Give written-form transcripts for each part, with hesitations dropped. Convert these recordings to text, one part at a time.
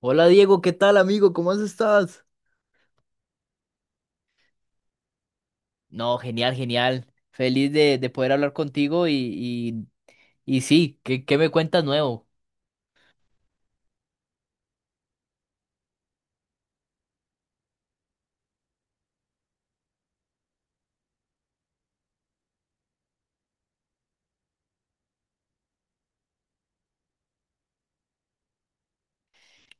Hola Diego, ¿qué tal amigo? ¿Cómo has estás? No, genial, genial. Feliz de poder hablar contigo y sí, ¿qué me cuentas nuevo?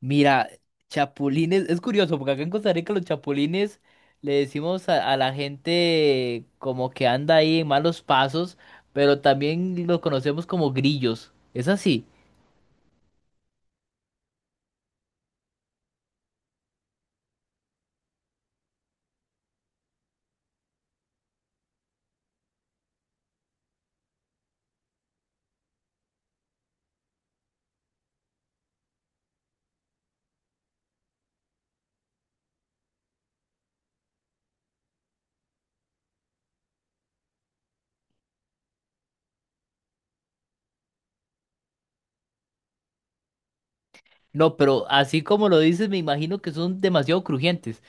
Mira, chapulines, es curioso porque acá en Costa Rica los chapulines le decimos a la gente como que anda ahí en malos pasos, pero también los conocemos como grillos. ¿Es así? No, pero así como lo dices, me imagino que son demasiado crujientes.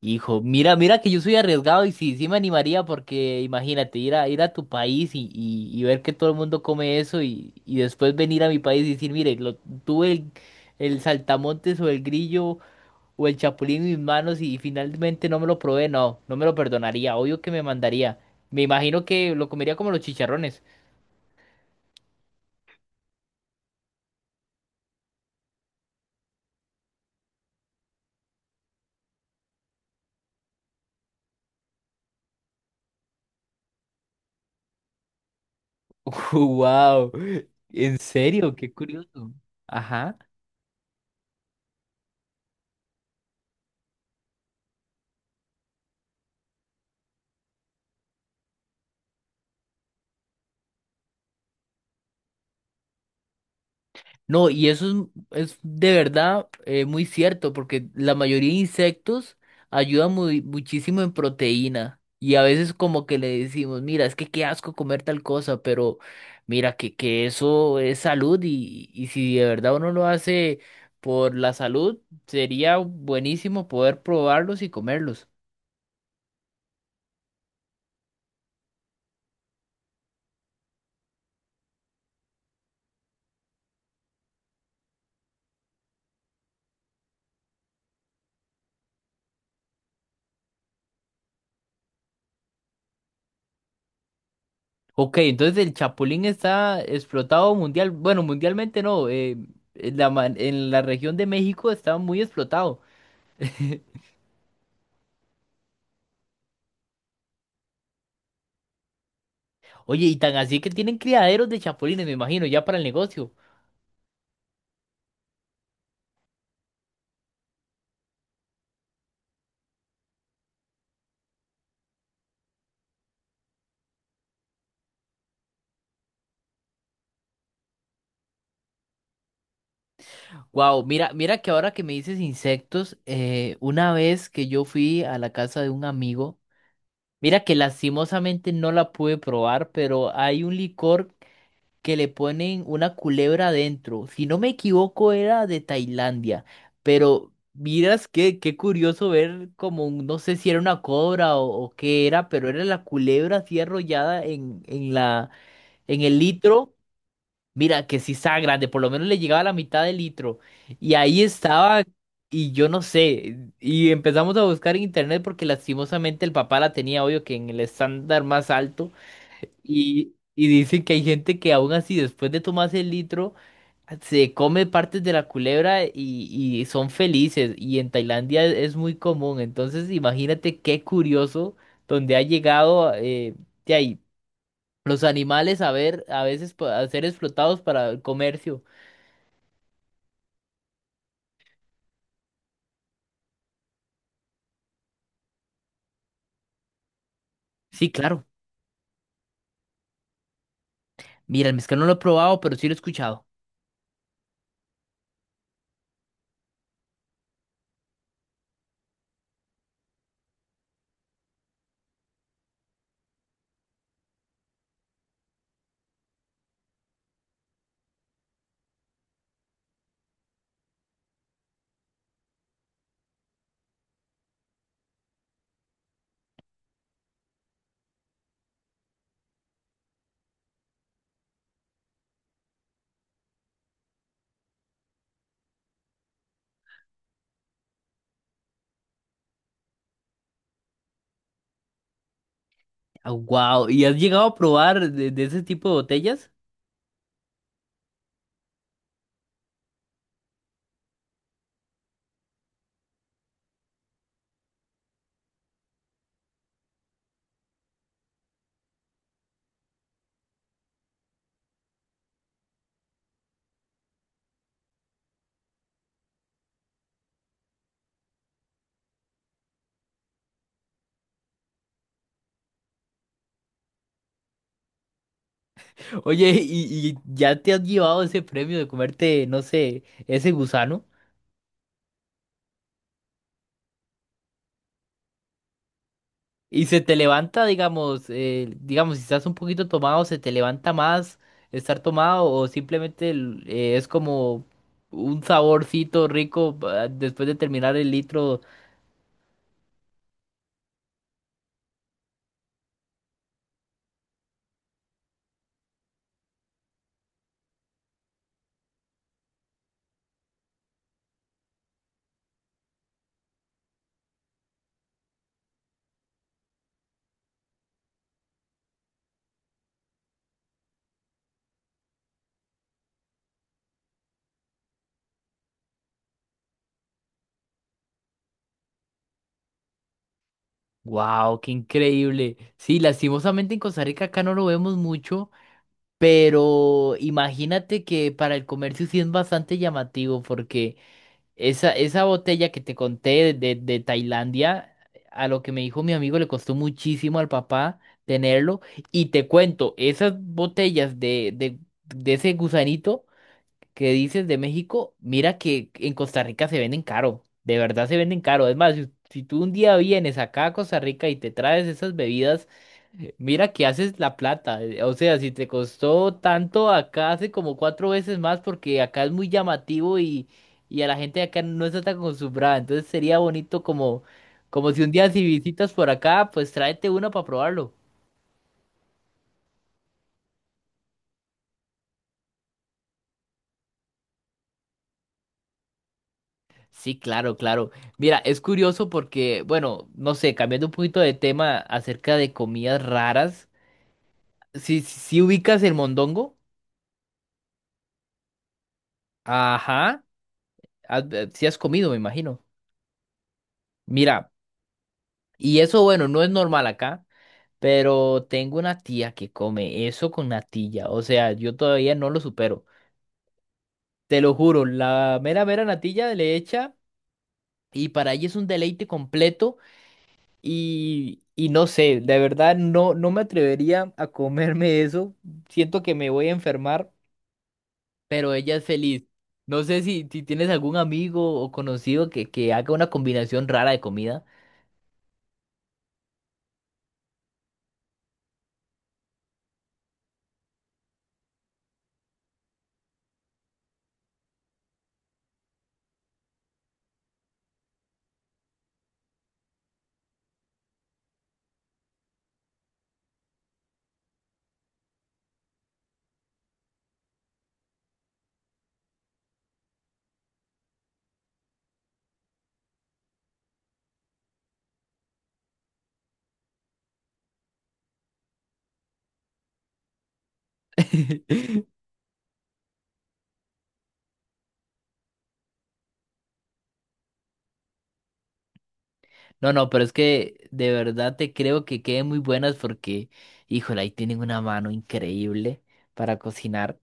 Hijo, mira, mira que yo soy arriesgado y sí, sí me animaría porque imagínate ir a tu país y ver que todo el mundo come eso y después venir a mi país y decir, mire, lo, tuve el saltamontes o el grillo o el chapulín en mis manos y finalmente no me lo probé, no, no me lo perdonaría, obvio que me mandaría. Me imagino que lo comería como los chicharrones. Wow, en serio, qué curioso. Ajá. No, y eso es de verdad muy cierto, porque la mayoría de insectos ayudan muchísimo en proteína. Y a veces como que le decimos, mira, es que qué asco comer tal cosa, pero mira que eso es salud y si de verdad uno lo hace por la salud, sería buenísimo poder probarlos y comerlos. Ok, entonces el chapulín está explotado mundial, bueno, mundialmente no, en la, en la región de México está muy explotado. Oye, y tan así que tienen criaderos de chapulines, me imagino, ya para el negocio. Wow, mira, mira que ahora que me dices insectos, una vez que yo fui a la casa de un amigo, mira que lastimosamente no la pude probar, pero hay un licor que le ponen una culebra adentro. Si no me equivoco, era de Tailandia, pero miras que qué curioso ver como, no sé si era una cobra o qué era, pero era la culebra así arrollada en en el litro. Mira, que sí estaba grande, por lo menos le llegaba a la mitad del litro. Y ahí estaba, y yo no sé. Y empezamos a buscar en internet porque lastimosamente el papá la tenía, obvio, que en el estándar más alto. Y dicen que hay gente que aún así, después de tomarse el litro, se come partes de la culebra y son felices. Y en Tailandia es muy común. Entonces, imagínate qué curioso donde ha llegado de ahí. Los animales a ver, a veces a ser explotados para el comercio. Sí, claro. Mira, el mezcal no lo he probado, pero sí lo he escuchado. Wow. ¿Y has llegado a probar de ese tipo de botellas? Oye, y ya te has llevado ese premio de comerte, no sé, ¿ese gusano? Y se te levanta, digamos, digamos, si estás un poquito tomado, ¿se te levanta más estar tomado o simplemente es como un saborcito rico después de terminar el litro? Wow, qué increíble. Sí, lastimosamente en Costa Rica acá no lo vemos mucho, pero imagínate que para el comercio sí es bastante llamativo porque esa botella que te conté de Tailandia, a lo que me dijo mi amigo le costó muchísimo al papá tenerlo. Y te cuento, esas botellas de ese gusanito que dices de México, mira que en Costa Rica se venden caro, de verdad se venden caro. Es más, si, si tú un día vienes acá a Costa Rica y te traes esas bebidas, mira que haces la plata. O sea, si te costó tanto, acá hace como cuatro veces más porque acá es muy llamativo y a la gente de acá no está tan acostumbrada. Entonces sería bonito como, como si un día si visitas por acá, pues tráete uno para probarlo. Sí, claro, claro. Mira, es curioso porque, bueno, no sé, cambiando un poquito de tema acerca de comidas raras, si, si ubicas el mondongo, ajá, si has comido, me imagino. Mira, y eso, bueno, no es normal acá, pero tengo una tía que come eso con natilla, o sea, yo todavía no lo supero. Te lo juro, la mera, mera natilla le echa y para ella es un deleite completo. Y no sé, de verdad no, no me atrevería a comerme eso. Siento que me voy a enfermar, pero ella es feliz. No sé si, si tienes algún amigo o conocido que haga una combinación rara de comida. No, no, pero es que de verdad te creo que queden muy buenas porque, híjole, ahí tienen una mano increíble para cocinar.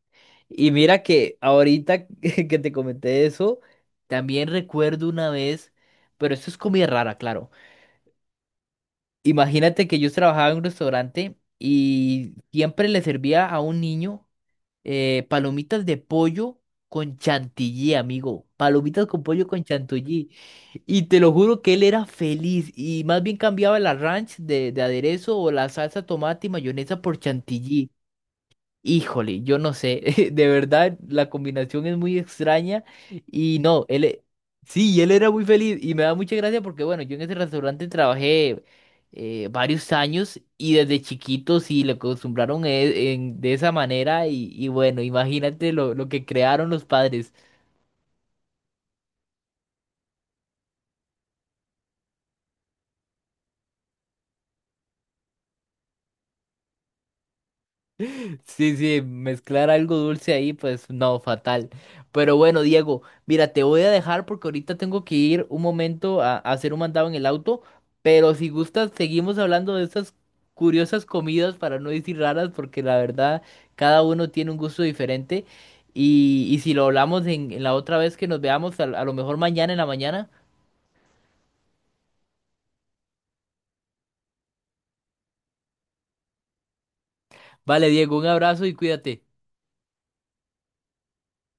Y mira que ahorita que te comenté eso, también recuerdo una vez, pero esto es comida rara, claro. Imagínate que yo trabajaba en un restaurante y siempre le servía a un niño palomitas de pollo con chantilly, amigo. Palomitas con pollo con chantilly. Y te lo juro que él era feliz y más bien cambiaba la ranch de aderezo o la salsa tomate y mayonesa por chantilly. Híjole, yo no sé, de verdad la combinación es muy extraña y no, sí, y él era muy feliz y me da mucha gracia porque bueno, yo en ese restaurante trabajé varios años y desde chiquito sí le acostumbraron de esa manera y bueno, imagínate lo que crearon los padres. Sí, sí, mezclar algo dulce ahí, pues no, fatal. Pero bueno, Diego, mira, te voy a dejar porque ahorita tengo que ir un momento a hacer un mandado en el auto, pero si gustas, seguimos hablando de estas curiosas comidas, para no decir raras, porque la verdad, cada uno tiene un gusto diferente. Y si lo hablamos en la otra vez que nos veamos, a lo mejor mañana en la mañana. Vale, Diego, un abrazo y cuídate.